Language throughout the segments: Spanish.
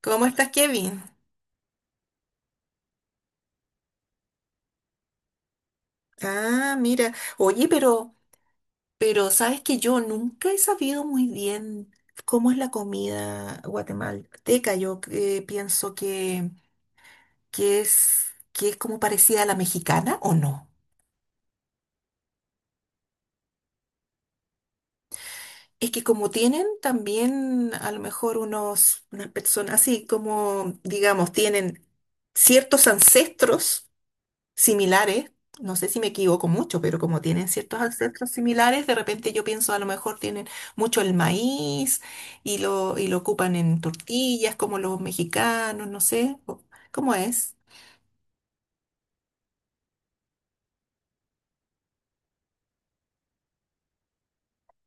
¿Cómo estás, Kevin? Ah, mira. Oye, pero sabes que yo nunca he sabido muy bien cómo es la comida guatemalteca. Yo pienso que es como parecida a la mexicana o no. Es que como tienen también a lo mejor unas personas así como, digamos, tienen ciertos ancestros similares, no sé si me equivoco mucho, pero como tienen ciertos ancestros similares, de repente yo pienso a lo mejor tienen mucho el maíz y lo ocupan en tortillas como los mexicanos, no sé, ¿cómo es?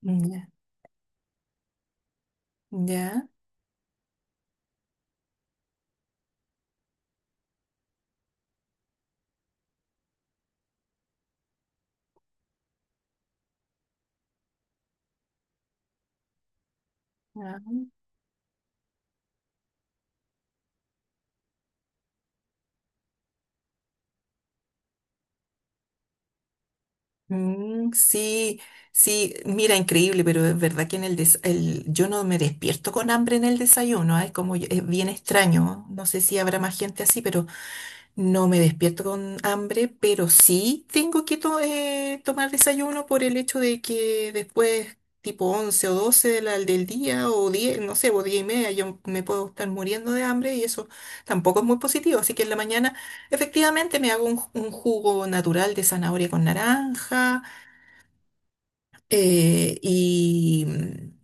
Ya, ya. Ah. Mm, sí, sí, mira, increíble, pero es verdad que en el, des- el- yo no me despierto con hambre en el desayuno, ¿ah? Es como, es bien extraño, no sé si habrá más gente así, pero no me despierto con hambre, pero sí tengo que tomar desayuno por el hecho de que después, tipo 11 o 12 del día, o 10 no sé, o 10:30, yo me puedo estar muriendo de hambre y eso tampoco es muy positivo. Así que en la mañana, efectivamente, me hago un jugo natural de zanahoria con naranja eh, y,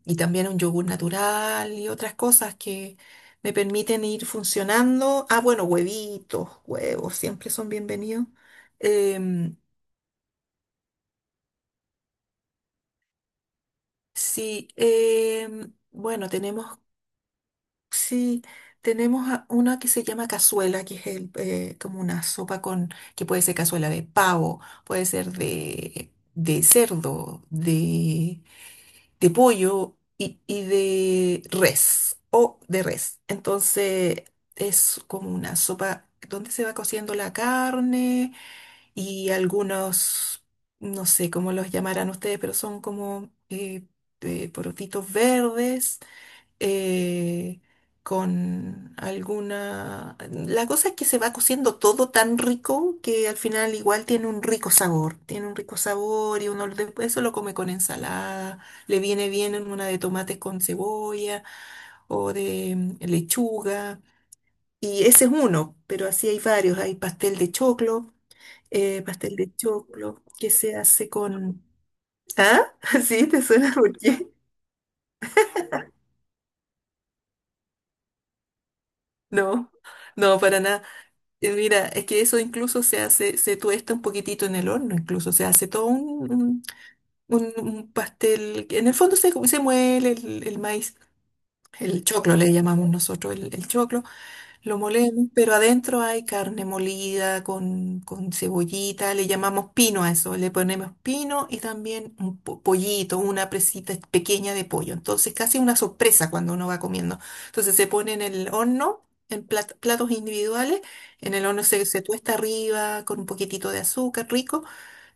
y también un yogur natural y otras cosas que me permiten ir funcionando. Ah, bueno, huevitos, huevos, siempre son bienvenidos. Em, sí, bueno, tenemos, sí, tenemos una que se llama cazuela, que es como una sopa con, que puede ser cazuela de pavo, puede ser de cerdo, de pollo y de res o de res. Entonces es como una sopa donde se va cociendo la carne y algunos, no sé cómo los llamarán ustedes, pero son como porotitos verdes eh, con alguna. La cosa es que se va cociendo todo tan rico que al final igual tiene un rico sabor, tiene un rico sabor y uno después eso lo come con ensalada, le viene bien en una de tomates con cebolla o de lechuga. Y ese es uno, pero así hay varios. Hay pastel de choclo que se hace con. ¿Ah? ¿Sí? ¿Te suena? ¿Por qué? No, no, para nada. Mira, es que eso incluso se hace, se tuesta un poquitito en el horno, incluso se hace todo un pastel que en el fondo se muele el maíz, el choclo le llamamos nosotros, el choclo. Lo molemos, pero adentro hay carne molida con cebollita, le llamamos pino a eso, le ponemos pino y también un pollito, una presita pequeña de pollo. Entonces casi una sorpresa cuando uno va comiendo. Entonces se pone en el horno, en platos individuales, en el horno se tuesta arriba con un poquitito de azúcar rico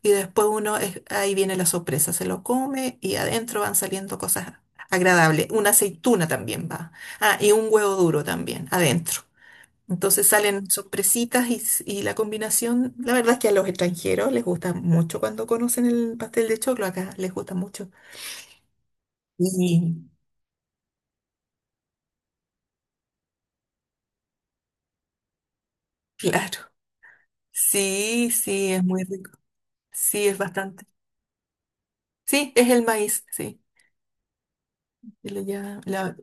y después uno, ahí viene la sorpresa, se lo come y adentro van saliendo cosas agradables. Una aceituna también va. Ah, y un huevo duro también, adentro. Entonces salen sorpresitas y la combinación, la verdad es que a los extranjeros les gusta mucho cuando conocen el pastel de choclo, acá les gusta mucho. Y claro, sí, sí, es muy rico, sí, es bastante. Sí, es el maíz, sí. Y lo llama- la-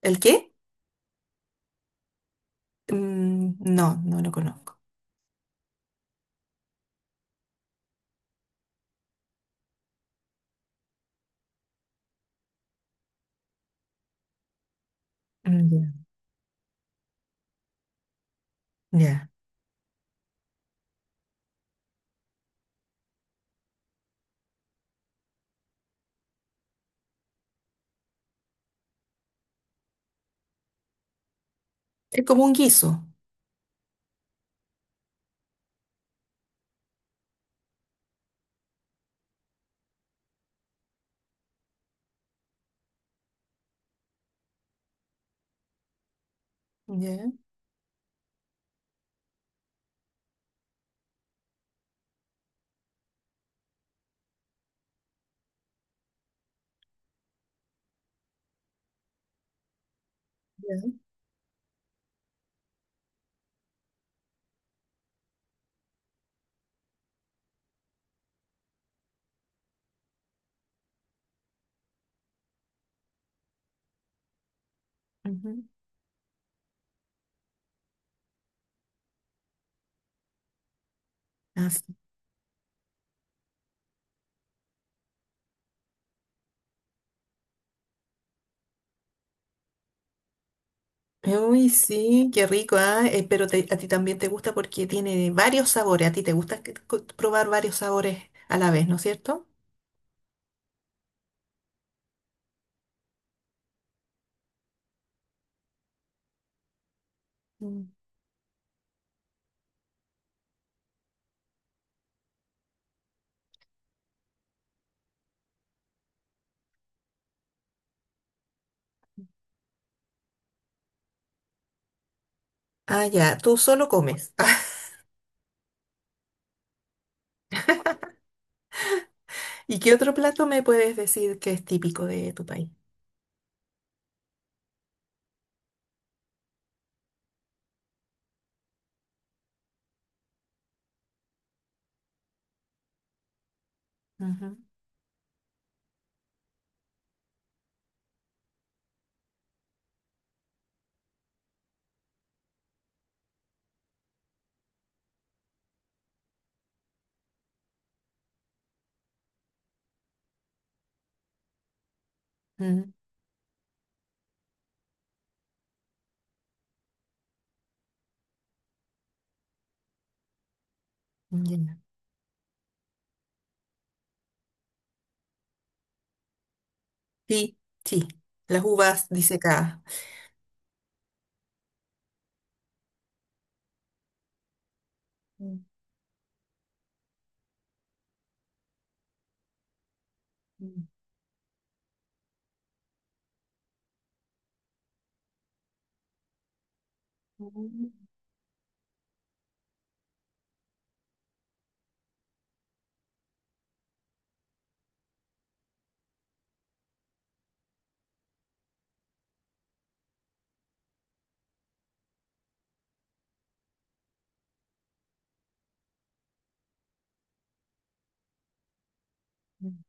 ¿El qué? Mm, no, no lo conozco. Mm, ya, ya. Es como un guiso. Ya, ya. Ujú. Uy, sí, qué rico, ah, pero a ti también te gusta porque tiene varios sabores. A ti te gusta probar varios sabores a la vez, ¿no es cierto? Mm. Ah, ya, tú solo comes. ¿Y qué otro plato me puedes decir que es típico de tu país? Ujú, mm, ya. Sí, sí, las uvas disecadas. Mm, mm, mm, mm,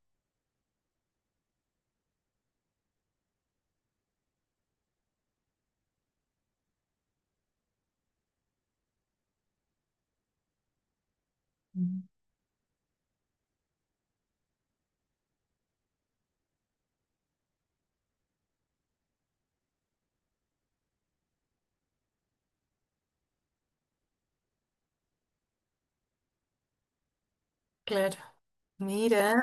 mm. Claro. Mira,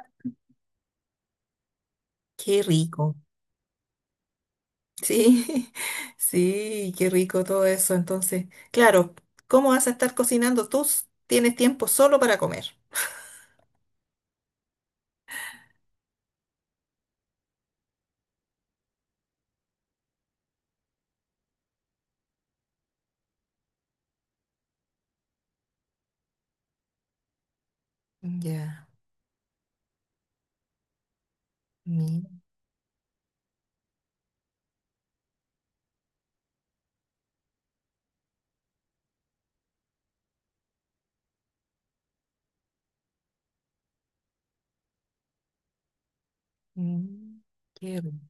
qué rico. Sí, sí, qué rico todo eso. Entonces, claro, ¿cómo vas a estar cocinando? Tú tienes tiempo solo para comer. Ya, mi, mm, qué rico.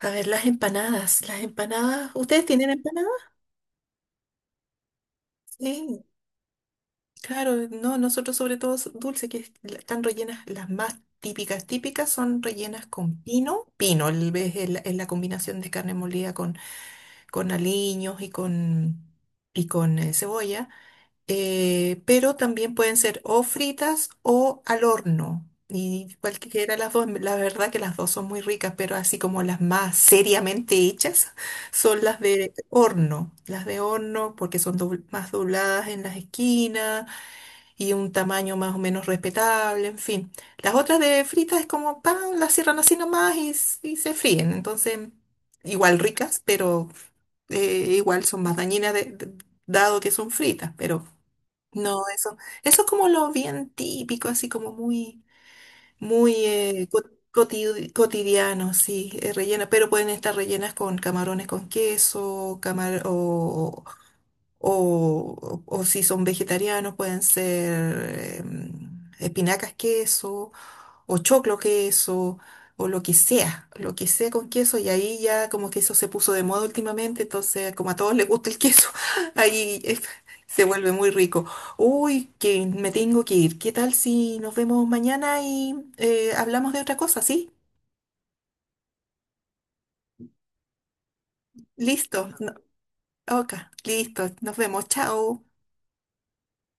A ver, las empanadas, las empanadas. ¿Ustedes tienen empanadas? Sí, claro, no, nosotros sobre todo dulce, que están rellenas, las más típicas, típicas son rellenas con pino. Pino, es la combinación de carne molida con aliños y con cebolla. Pero también pueden ser o fritas o al horno. Y cualquiera de las dos, la verdad que las dos son muy ricas, pero así como las más seriamente hechas son las de horno. Las de horno porque son más dobladas en las esquinas y un tamaño más o menos respetable, en fin. Las otras de fritas es como pan, las cierran así nomás y se fríen. Entonces, igual ricas, pero igual son más dañinas dado que son fritas, pero. No, eso es como lo bien típico, así como muy, muy cotidiano, sí, rellena, pero pueden estar rellenas con camarones con queso, camar o si son vegetarianos pueden ser espinacas queso, o choclo queso, o lo que sea con queso, y ahí ya como que eso se puso de moda últimamente, entonces como a todos les gusta el queso, ahí se vuelve muy rico. Uy, que me tengo que ir. ¿Qué tal si nos vemos mañana y hablamos de otra cosa, sí? Listo, ok, listo, nos vemos, chao.